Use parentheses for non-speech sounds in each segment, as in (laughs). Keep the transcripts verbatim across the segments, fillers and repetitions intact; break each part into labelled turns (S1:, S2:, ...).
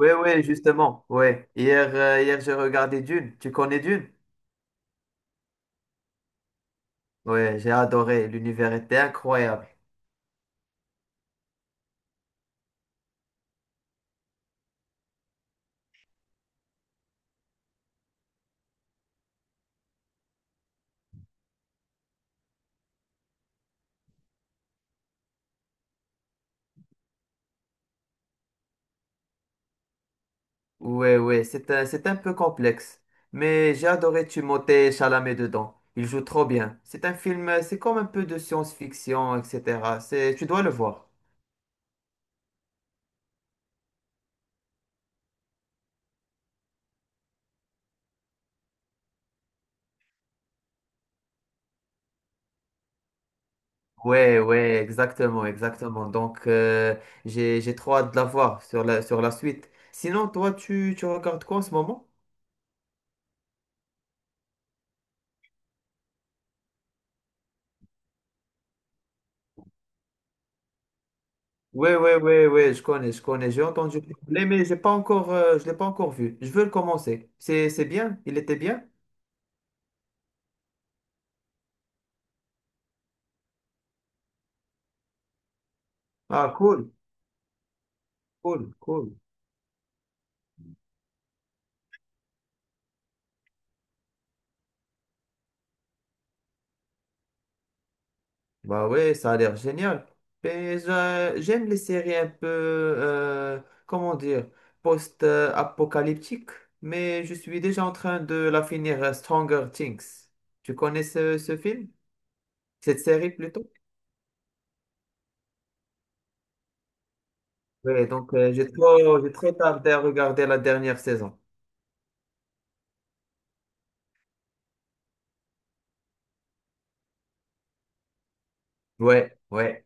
S1: Oui, oui, justement, ouais. Hier, euh, hier j'ai regardé Dune. Tu connais Dune? Ouais, j'ai adoré. L'univers était incroyable. Ouais, ouais, c'est un, c'est un peu complexe. Mais j'ai adoré Timothée Chalamet dedans. Il joue trop bien. C'est un film, euh, c'est comme un peu de science-fiction, et cetera. C'est, tu dois le voir. Ouais, ouais, exactement, exactement. Donc, euh, j'ai, j'ai trop hâte de la voir sur la, sur la suite. Sinon, toi, tu, tu regardes quoi en ce moment? Ouais, ouais, ouais, ouais, je connais, je connais, j'ai entendu parler, mais j'ai pas encore, euh, je l'ai pas encore vu. Je veux le commencer. C'est, c'est bien, il était bien. Ah, cool, cool, cool. Bah ouais, ça a l'air génial. Mais euh, j'aime les séries un peu, euh, comment dire, post-apocalyptiques, mais je suis déjà en train de la finir, euh, Stranger Things. Tu connais ce, ce film? Cette série plutôt? Ouais, donc euh, j'ai trop, j'ai trop tardé à regarder la dernière saison. Ouais, ouais.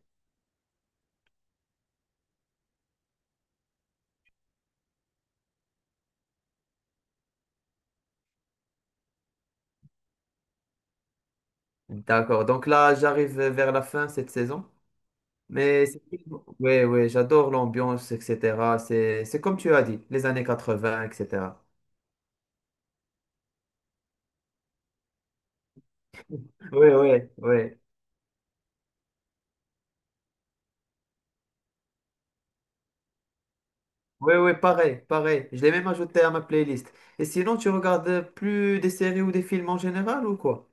S1: D'accord. Donc là, j'arrive vers la fin cette saison. Mais c'est- ouais, ouais, j'adore l'ambiance, et cetera. C'est, c'est comme tu as dit, les années quatre-vingts, et cetera. Ouais, ouais, ouais. Ouais, ouais, pareil, pareil. Je l'ai même ajouté à ma playlist. Et sinon, tu regardes plus des séries ou des films en général ou quoi?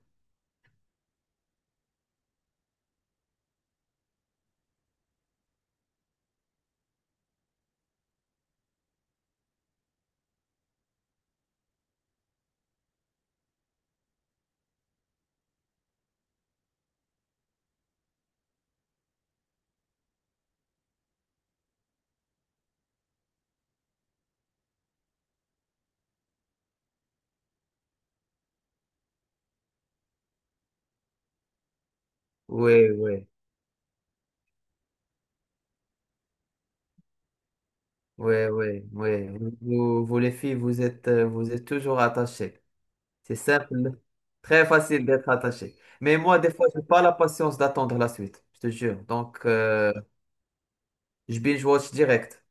S1: Ouais, ouais, ouais, ouais, ouais. Vous, vous, les filles, vous êtes, euh, vous êtes toujours attachées. C'est simple, très facile d'être attaché. Mais moi, des fois, j'ai pas la patience d'attendre la suite, je te jure. Donc, je binge-watch direct.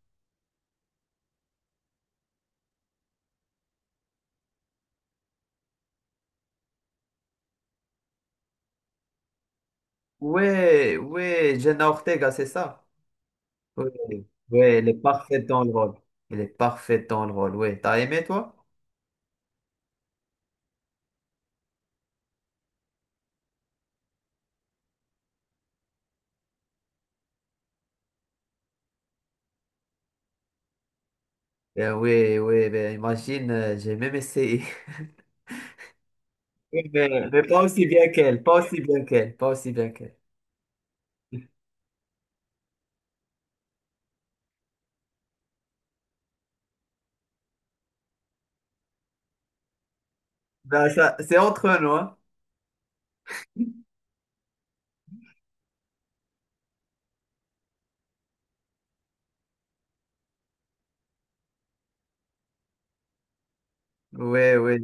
S1: Ouais, ouais, Jenna Ortega, c'est ça. Ouais, ouais, elle est parfaite dans le rôle. Elle est parfaite dans le rôle, ouais. T'as aimé, toi? Ben ouais, ouais, ben imagine, euh, j'ai même essayé. (laughs) Oui, Mais, mais pas aussi bien qu'elle, pas aussi bien qu'elle, pas aussi bien qu'elle. Ben ça, c'est entre nous, hein. Ouais, ouais.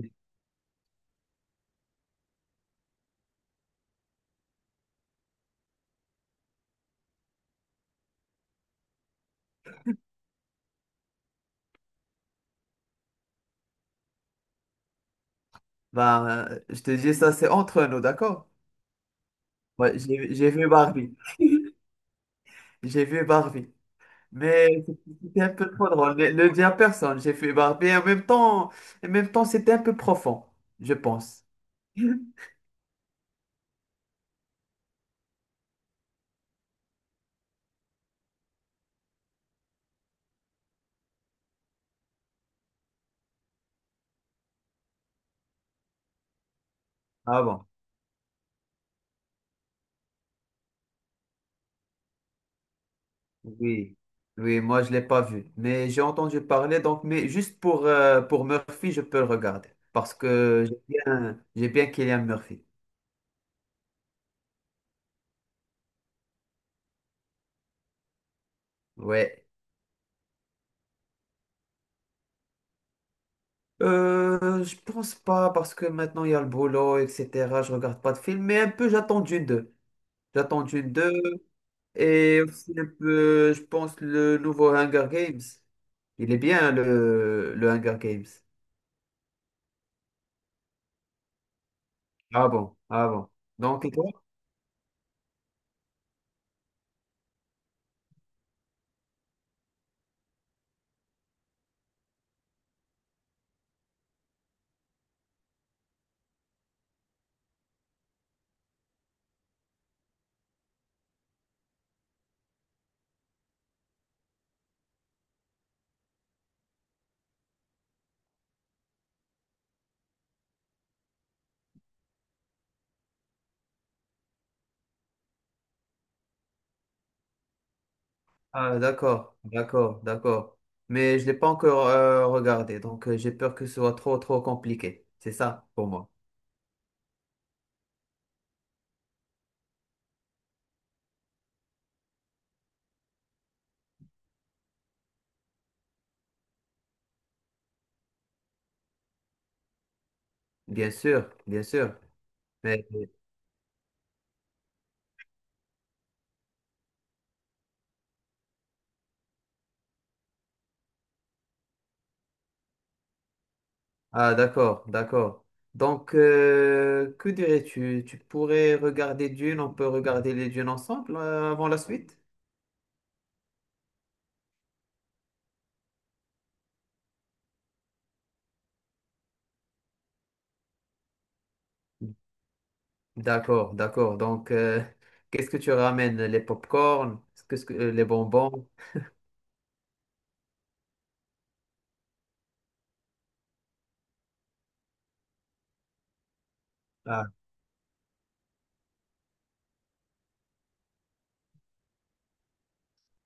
S1: Ben, euh, je te dis ça, c'est entre nous, d'accord? Ouais, j'ai j'ai vu Barbie. J'ai vu Barbie. Mais c'était un peu trop drôle. Ne, ne le dis à personne, j'ai fait barbe. Mais en même temps, en même temps, c'était un peu profond, je pense. Ah bon? Oui. Oui, moi, je ne l'ai pas vu. Mais j'ai entendu parler, donc, mais juste pour, euh, pour Murphy, je peux le regarder. Parce que j'ai bien, j'ai bien Cillian Murphy. Ouais. Euh, je pense pas, parce que maintenant, il y a le boulot, et cetera. Je regarde pas de film, mais un peu, j'attends Dune deux. J'attends Dune deux. Et aussi un peu, je pense, le nouveau Hunger Games. Il est bien, le, le Hunger Games. Ah bon, ah bon. Donc, et toi? Ah, d'accord, d'accord, d'accord. Mais je ne l'ai pas encore euh, regardé, donc euh, j'ai peur que ce soit trop, trop compliqué. C'est ça pour moi. Bien sûr, bien sûr. Mais, ah, d'accord, d'accord. Donc, euh, que dirais-tu? Tu pourrais regarder Dune, on peut regarder les Dunes ensemble euh, avant la suite? D'accord, d'accord. Donc, euh, qu'est-ce que tu ramènes? Les pop corn. Qu'est-ce que, euh, les bonbons? Ah.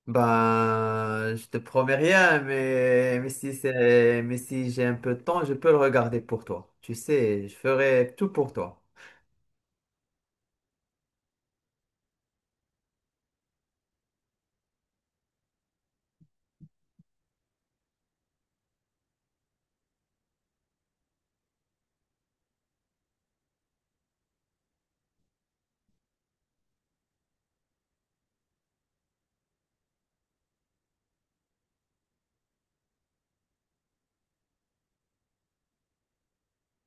S1: Ben, je te promets rien, mais, mais si c'est, mais si j'ai un peu de temps, je peux le regarder pour toi. Tu sais, je ferai tout pour toi.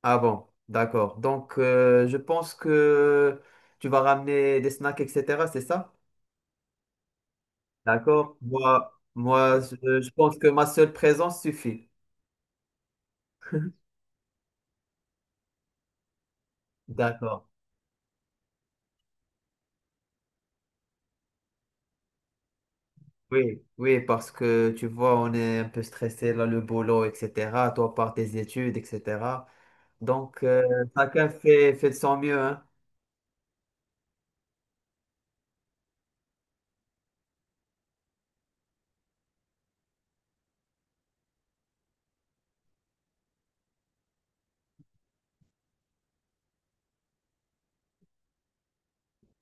S1: Ah bon, d'accord. Donc, euh, je pense que tu vas ramener des snacks, et cetera. C'est ça? D'accord. Moi, moi, je je pense que ma seule présence suffit. D'accord. Oui, oui, parce que tu vois, on est un peu stressé, là, le boulot, et cetera. Toi, par tes études, et cetera. Donc, euh, chacun fait, fait de son mieux, hein.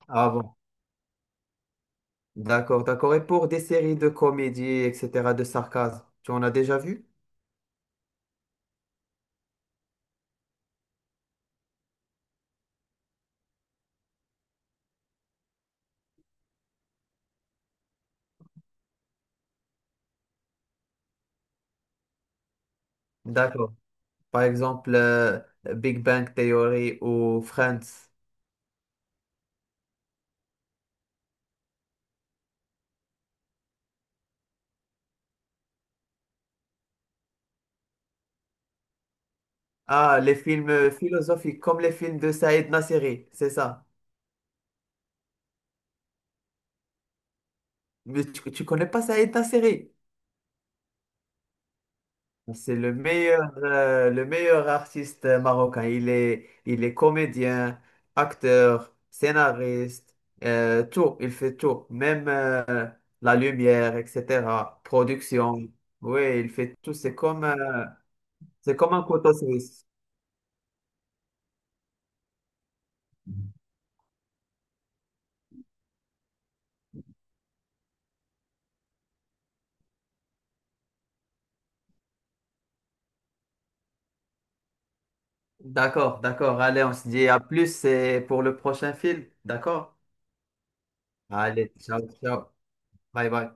S1: Ah bon, d'accord, d'accord. Et pour des séries de comédie, et cetera, de sarcasme, tu en as déjà vu? D'accord. Par exemple, euh, Big Bang Theory ou Friends. Ah, les films euh, philosophiques, comme les films de Saïd Nasseri, c'est ça. Mais tu, tu connais pas Saïd Nasseri? C'est le meilleur, euh, le meilleur artiste marocain. Il est, il est comédien, acteur, scénariste, euh, tout. Il fait tout. Même euh, la lumière, et cetera. Production. Oui, il fait tout. C'est comme, euh, c'est comme un couteau suisse. D'accord, d'accord. Allez, on se dit à plus et pour le prochain film. D'accord? Allez, ciao, ciao. Bye, bye.